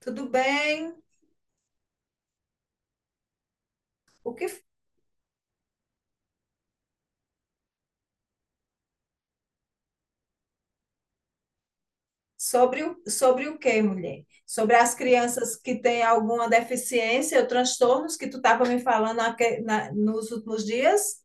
Tudo bem? O que sobre o, sobre o quê, mulher? Sobre as crianças que têm alguma deficiência ou transtornos que tu estava me falando nos últimos dias?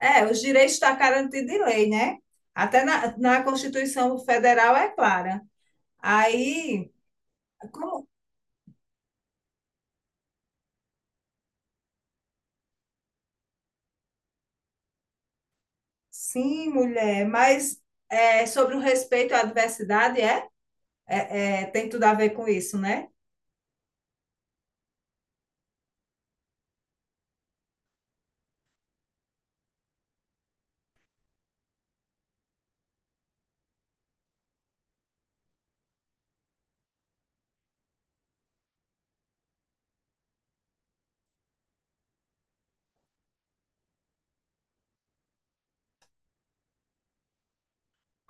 É, os direitos estão garantidos em lei, né? Até na Constituição Federal é clara. Aí, como? Sim, mulher, mas é, sobre o respeito à diversidade, é? É, é, tem tudo a ver com isso, né?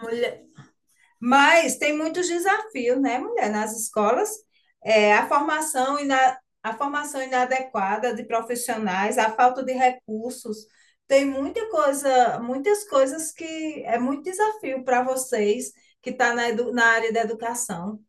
Mulher, mas tem muitos desafios, né, mulher? Nas escolas, é, a formação e a formação inadequada de profissionais, a falta de recursos, tem muita coisa, muitas coisas que é muito desafio para vocês que estão tá na área da educação.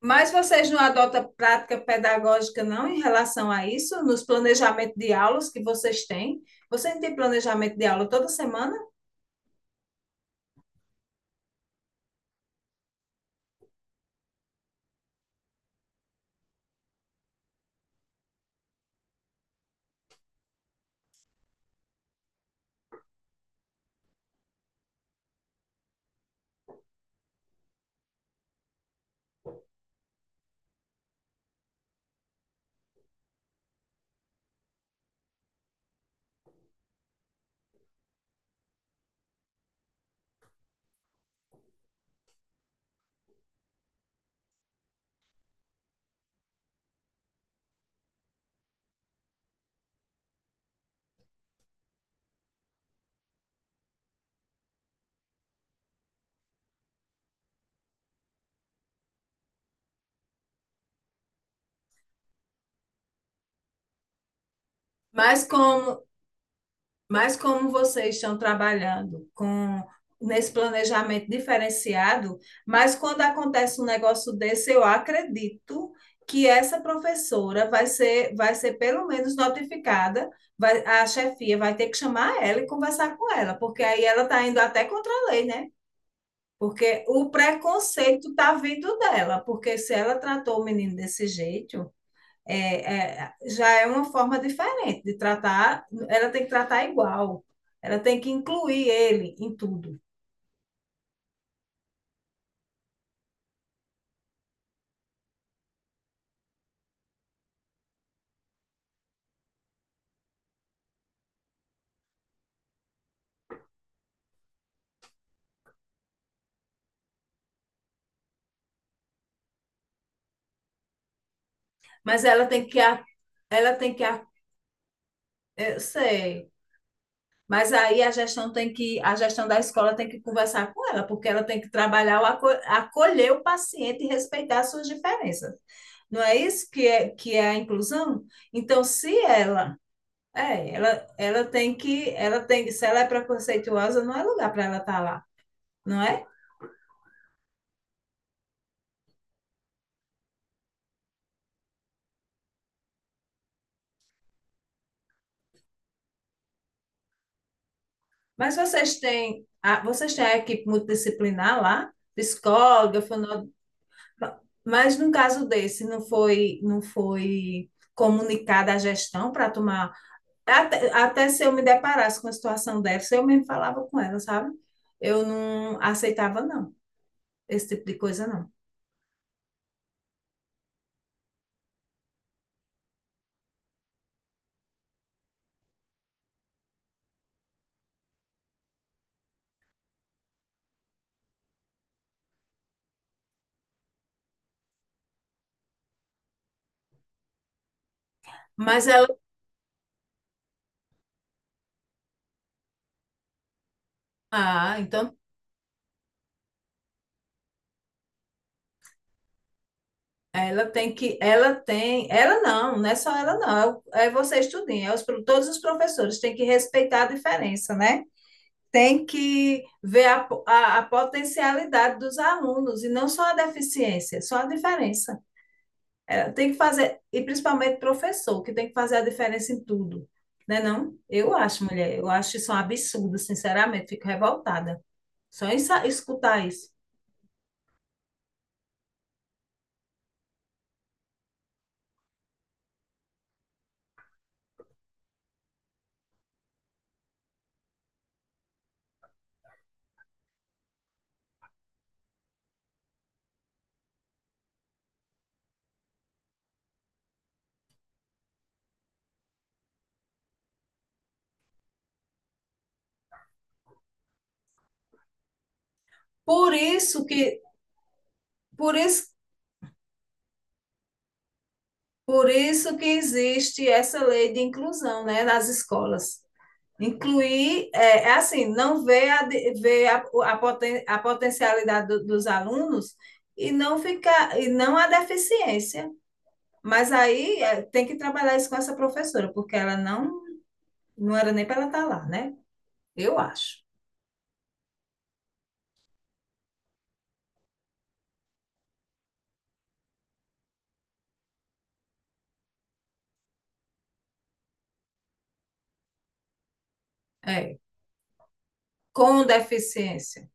Mas vocês não adotam prática pedagógica, não, em relação a isso, nos planejamentos de aulas que vocês têm? Vocês têm planejamento de aula toda semana? Mas como Mas como vocês estão trabalhando com nesse planejamento diferenciado, mas quando acontece um negócio desse, eu acredito que essa professora vai ser pelo menos notificada, vai, a chefia vai ter que chamar ela e conversar com ela, porque aí ela está indo até contra a lei, né? Porque o preconceito está vindo dela, porque se ela tratou o menino desse jeito, é, é, já é uma forma diferente de tratar, ela tem que tratar igual, ela tem que incluir ele em tudo, mas ela tem que, ela tem que, eu sei, mas aí a gestão tem que, a gestão da escola tem que conversar com ela, porque ela tem que trabalhar, o acolher o paciente e respeitar as suas diferenças. Não é isso que é a inclusão? Então, se ela é, ela tem que, ela tem, se ela é preconceituosa, não é lugar para ela estar lá, não é? Mas vocês têm a equipe multidisciplinar lá, psicóloga, fono... Mas no caso desse não foi comunicada a gestão para tomar, até, até se eu me deparasse com a situação dessa, eu mesmo falava com ela, sabe? Eu não aceitava não esse tipo de coisa não. Mas ela, ah, então ela tem que, ela tem, ela não, não é só ela não, é, é você estudinho, é os, todos os professores têm que respeitar a diferença, né? Tem que ver a, a potencialidade dos alunos e não só a deficiência, só a diferença. Ela tem que fazer, e principalmente o professor, que tem que fazer a diferença em tudo, né não? Eu acho, mulher, eu acho isso um absurdo, sinceramente, fico revoltada só em escutar isso. Por isso que, por isso por isso que existe essa lei de inclusão, né, nas escolas. Incluir, é, é assim, não ver, a, ver a, a potencialidade do, dos alunos e não ficar, e não a deficiência. Mas aí é, tem que trabalhar isso com essa professora, porque ela não, não era nem para ela estar lá, né? Eu acho. É, com deficiência.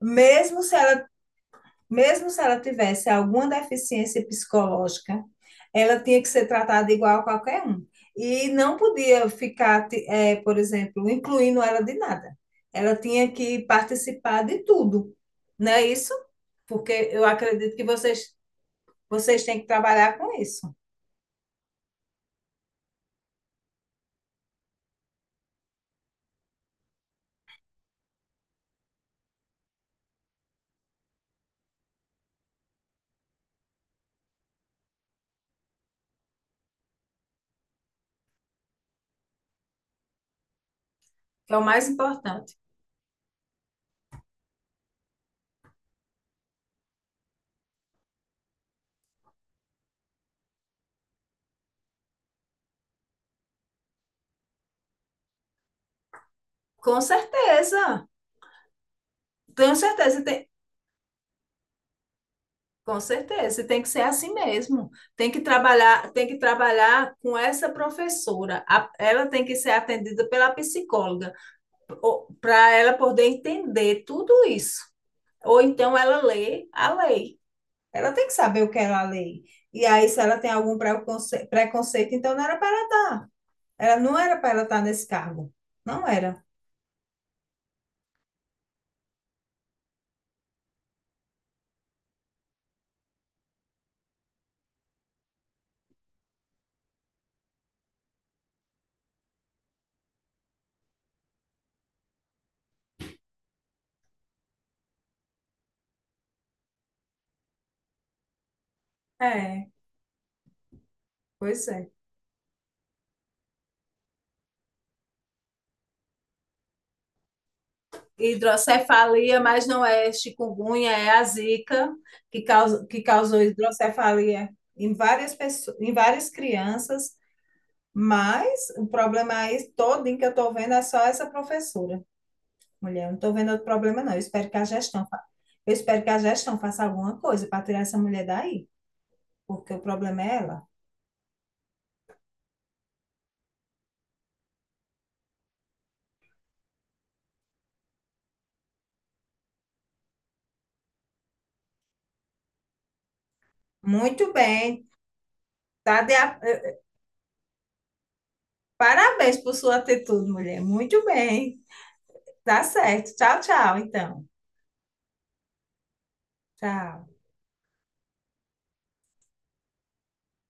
Mesmo se ela Mesmo se ela tivesse alguma deficiência psicológica, ela tinha que ser tratada igual a qualquer um. E não podia ficar, por exemplo, incluindo ela de nada. Ela tinha que participar de tudo, não é isso? Porque eu acredito que vocês, vocês têm que trabalhar com isso, que é o mais importante. Com certeza, tenho certeza. Com certeza, e tem que ser assim mesmo. Tem que trabalhar com essa professora. A- ela tem que ser atendida pela psicóloga, para ela poder entender tudo isso. Ou então ela lê a lei. Ela tem que saber o que ela lê. E aí, se ela tem algum preconceito, então não era para ela, ela não era para ela estar nesse cargo. Não era. É, pois é. Hidrocefalia, mas não é chikungunya, é a zika que causou hidrocefalia em várias pessoas, em várias crianças, mas o problema aí todo em que eu estou vendo é só essa professora. Mulher, eu não estou vendo outro problema, não. Eu espero que a gestão, eu espero que a gestão faça alguma coisa para tirar essa mulher daí, porque o problema é ela. Muito bem. Tá Parabéns por sua atitude, mulher. Muito bem. Tá certo. Tchau, tchau, então. Tchau.